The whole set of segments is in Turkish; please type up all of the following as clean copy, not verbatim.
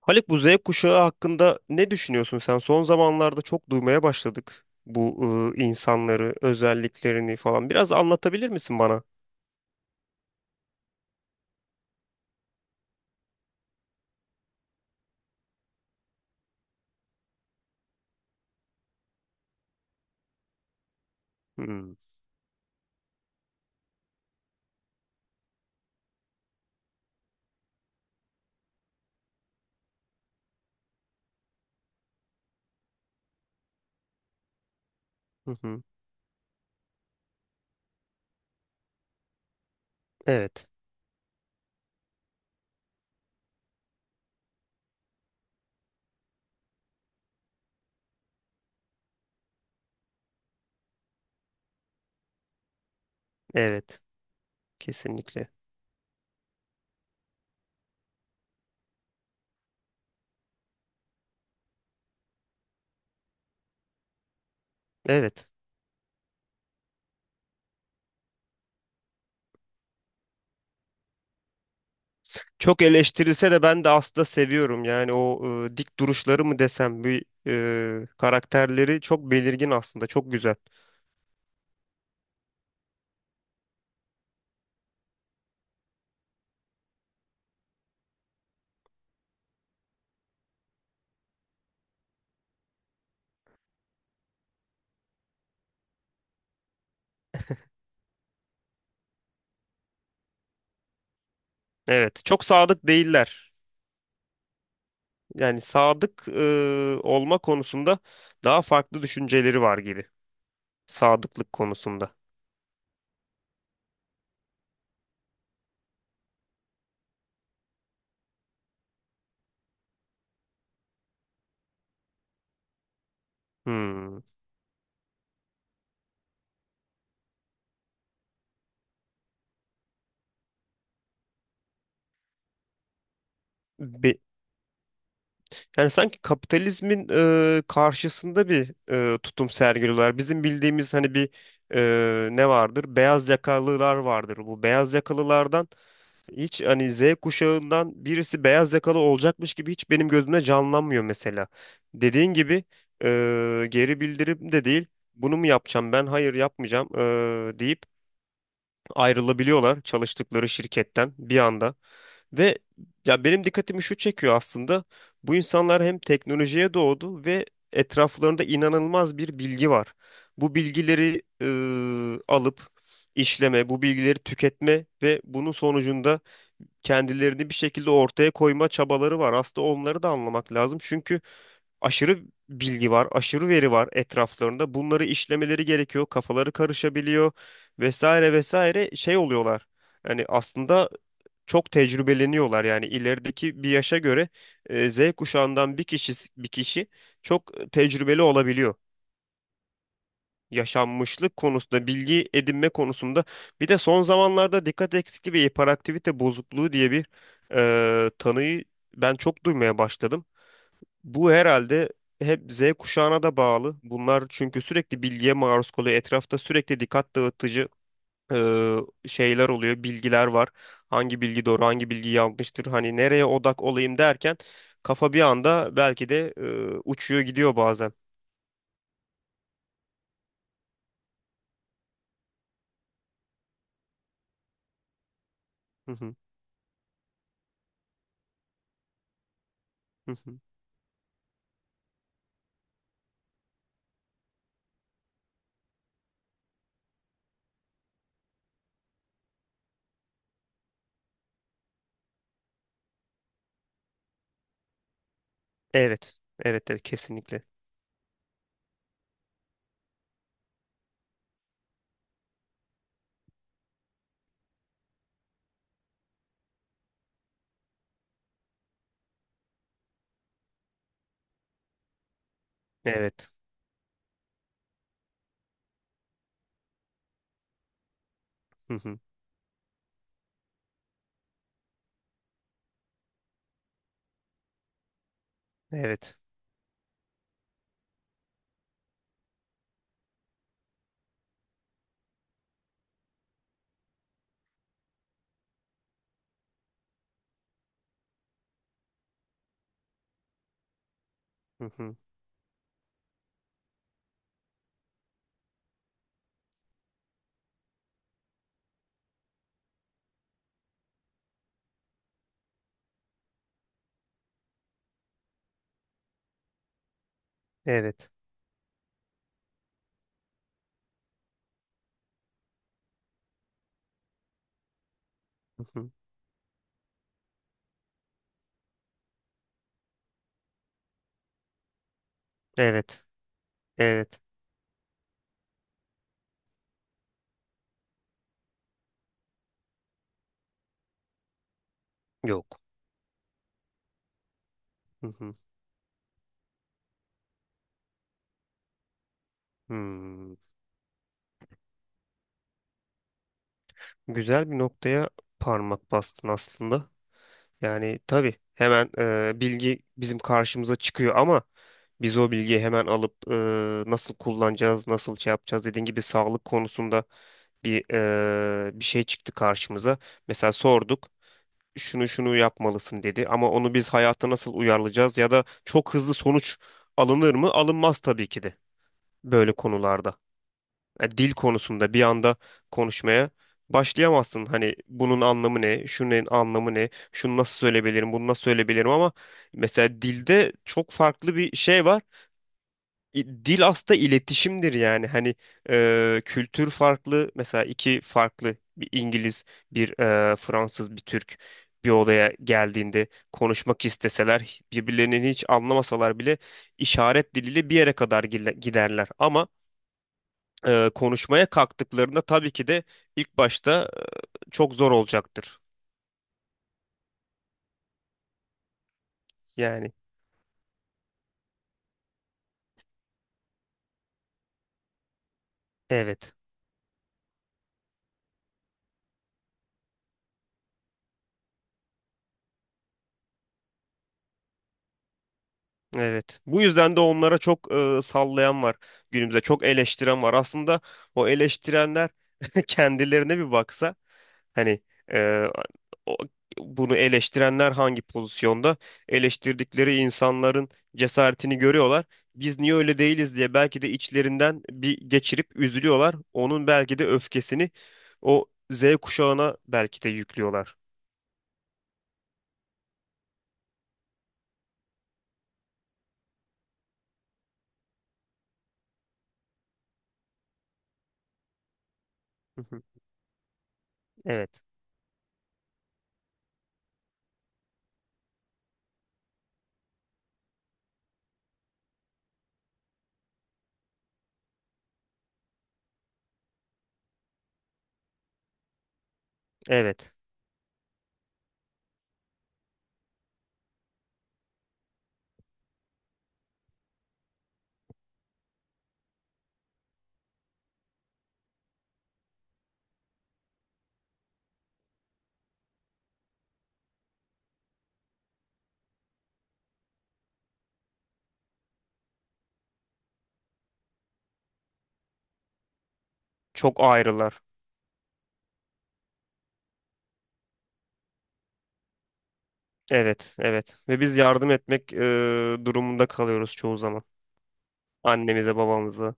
Haluk, bu Z kuşağı hakkında ne düşünüyorsun sen? Son zamanlarda çok duymaya başladık bu insanları, özelliklerini falan. Biraz anlatabilir misin bana? Hmm. Hı hı. Evet, evet, kesinlikle. Evet. Çok eleştirilse de ben de aslında seviyorum. Yani o dik duruşları mı desem, bir karakterleri çok belirgin aslında, çok güzel. Evet, çok sadık değiller. Yani sadık olma konusunda daha farklı düşünceleri var gibi. Sadıklık konusunda. Hmm. Be- Yani sanki kapitalizmin karşısında bir tutum sergiliyorlar. Bizim bildiğimiz hani bir ne vardır? Beyaz yakalılar vardır. Bu beyaz yakalılardan hiç hani Z kuşağından birisi beyaz yakalı olacakmış gibi hiç benim gözümde canlanmıyor mesela. Dediğin gibi geri bildirim de değil. Bunu mu yapacağım ben? Hayır, yapmayacağım deyip ayrılabiliyorlar çalıştıkları şirketten bir anda. Ve ya benim dikkatimi şu çekiyor aslında. Bu insanlar hem teknolojiye doğdu ve etraflarında inanılmaz bir bilgi var. Bu bilgileri alıp işleme, bu bilgileri tüketme ve bunun sonucunda kendilerini bir şekilde ortaya koyma çabaları var. Aslında onları da anlamak lazım. Çünkü aşırı bilgi var, aşırı veri var etraflarında. Bunları işlemeleri gerekiyor. Kafaları karışabiliyor, vesaire vesaire şey oluyorlar. Yani aslında çok tecrübeleniyorlar, yani ilerideki bir yaşa göre Z kuşağından bir kişi bir kişi çok tecrübeli olabiliyor yaşanmışlık konusunda, bilgi edinme konusunda. Bir de son zamanlarda dikkat eksikliği ve hiperaktivite bozukluğu diye bir tanıyı ben çok duymaya başladım. Bu herhalde hep Z kuşağına da bağlı. Bunlar çünkü sürekli bilgiye maruz kalıyor. Etrafta sürekli dikkat dağıtıcı e, şeyler oluyor, bilgiler var. Hangi bilgi doğru, hangi bilgi yanlıştır? Hani nereye odak olayım derken kafa bir anda belki de uçuyor gidiyor bazen. Hı hı, hı hı. Evet, evet, evet, kesinlikle. Evet. Hı hı. Evet. Hı hı. Evet. Hı hı. Evet. Evet. Yok. Hı hı. Hmm. Güzel bir noktaya parmak bastın aslında. Yani tabii hemen bilgi bizim karşımıza çıkıyor ama biz o bilgiyi hemen alıp nasıl kullanacağız, nasıl şey yapacağız, dediğin gibi sağlık konusunda bir bir şey çıktı karşımıza. Mesela sorduk. Şunu şunu yapmalısın dedi ama onu biz hayata nasıl uyarlayacağız ya da çok hızlı sonuç alınır mı? Alınmaz tabii ki de böyle konularda. Yani dil konusunda bir anda konuşmaya başlayamazsın. Hani bunun anlamı ne? Şunun anlamı ne? Şunu nasıl söyleyebilirim? Bunu nasıl söyleyebilirim? Ama mesela dilde çok farklı bir şey var. Dil aslında iletişimdir, yani hani kültür farklı. Mesela iki farklı, bir İngiliz, bir Fransız, bir Türk bir odaya geldiğinde konuşmak isteseler, birbirlerini hiç anlamasalar bile işaret diliyle bir yere kadar giderler ama konuşmaya kalktıklarında tabii ki de ilk başta çok zor olacaktır yani. Evet. Evet. Bu yüzden de onlara çok sallayan var günümüzde. Çok eleştiren var. Aslında o eleştirenler kendilerine bir baksa, hani e, o- bunu eleştirenler hangi pozisyonda? Eleştirdikleri insanların cesaretini görüyorlar. Biz niye öyle değiliz diye belki de içlerinden bir geçirip üzülüyorlar. Onun belki de öfkesini o Z kuşağına belki de yüklüyorlar. Hı hı. Evet. Evet. Çok ayrılar. Evet, evet. Ve biz yardım etmek durumunda kalıyoruz çoğu zaman. Annemize, babamıza.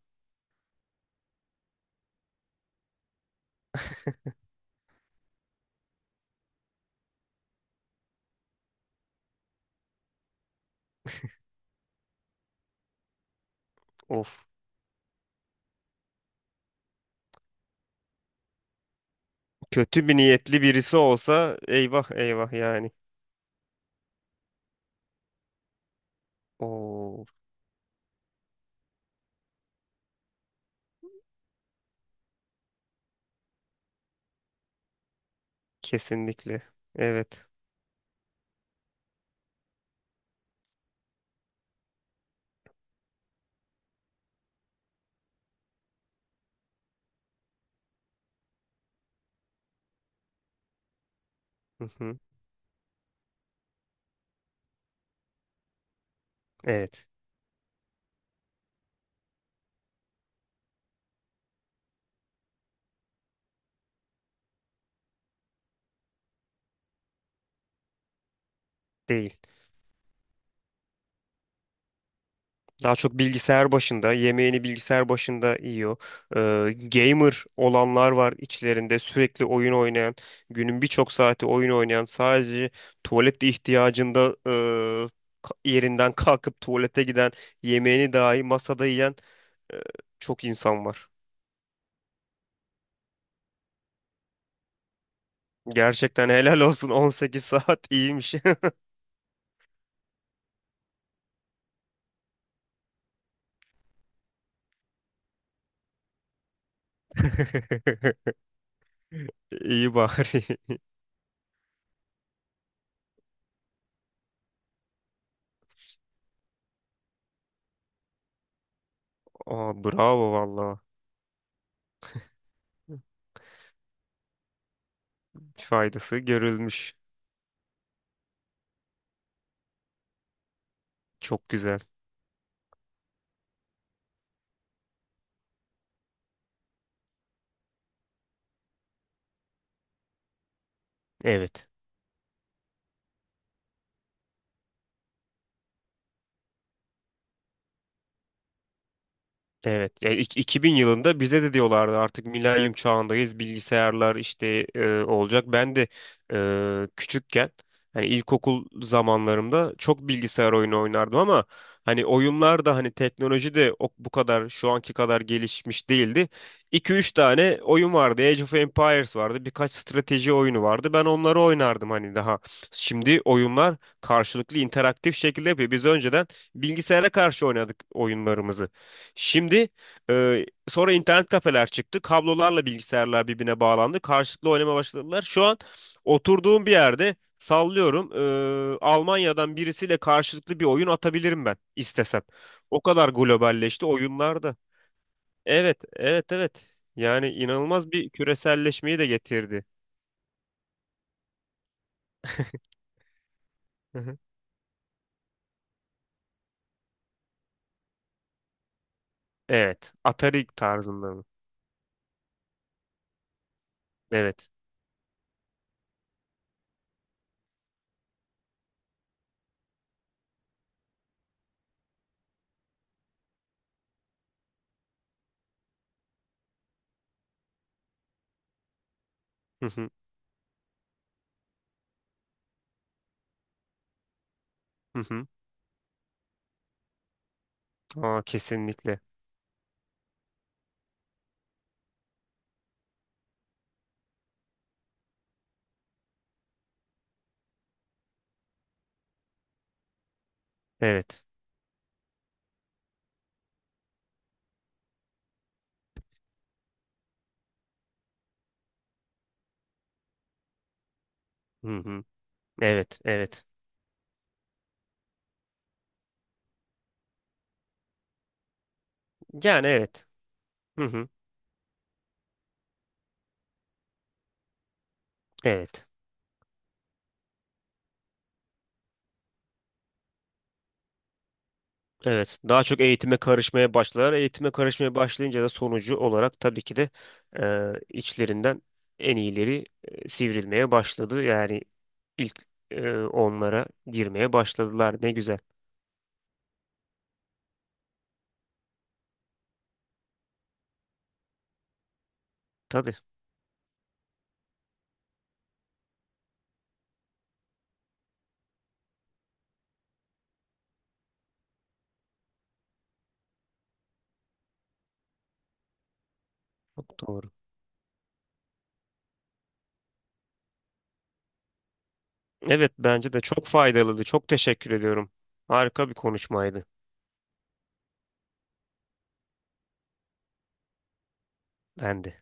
Of. Kötü bir niyetli birisi olsa, eyvah eyvah yani. Oo, kesinlikle. Evet. Hı hı. Evet. Değil. Daha çok bilgisayar başında, yemeğini bilgisayar başında yiyor. Gamer olanlar var içlerinde, sürekli oyun oynayan, günün birçok saati oyun oynayan, sadece tuvalet ihtiyacında yerinden kalkıp tuvalete giden, yemeğini dahi masada yiyen e, çok insan var. Gerçekten helal olsun, 18 saat iyiymiş. İyi bari. Aa, bravo valla. Faydası görülmüş. Çok güzel. Evet. Evet, yani 2000 yılında bize de diyorlardı artık milenyum çağındayız, bilgisayarlar işte olacak. Ben de küçükken hani ilkokul zamanlarımda çok bilgisayar oyunu oynardım ama hani oyunlar da hani teknoloji de bu kadar, şu anki kadar gelişmiş değildi. 2 üç tane oyun vardı. Age of Empires vardı. Birkaç strateji oyunu vardı. Ben onları oynardım hani daha. Şimdi oyunlar karşılıklı, interaktif şekilde yapıyor. Biz önceden bilgisayara karşı oynadık oyunlarımızı. Şimdi sonra internet kafeler çıktı. Kablolarla bilgisayarlar birbirine bağlandı. Karşılıklı oynamaya başladılar. Şu an oturduğum bir yerde sallıyorum. Almanya'dan birisiyle karşılıklı bir oyun atabilirim ben istesem. O kadar globalleşti oyunlarda. Evet, evet, evet. Yani inanılmaz bir küreselleşmeyi de getirdi. Hı hı. Evet, Atari tarzında mı? Evet. Hı hı, hı hı. Aa, kesinlikle. Evet. Hı hı. Evet, evet. Yani evet. Hı hı. Evet. Evet. Daha çok eğitime karışmaya başlar. Eğitime karışmaya başlayınca da sonucu olarak tabii ki de e, içlerinden en iyileri sivrilmeye başladı. Yani ilk onlara girmeye başladılar. Ne güzel. Tabii. Çok doğru. Evet, bence de çok faydalıydı. Çok teşekkür ediyorum. Harika bir konuşmaydı. Ben de.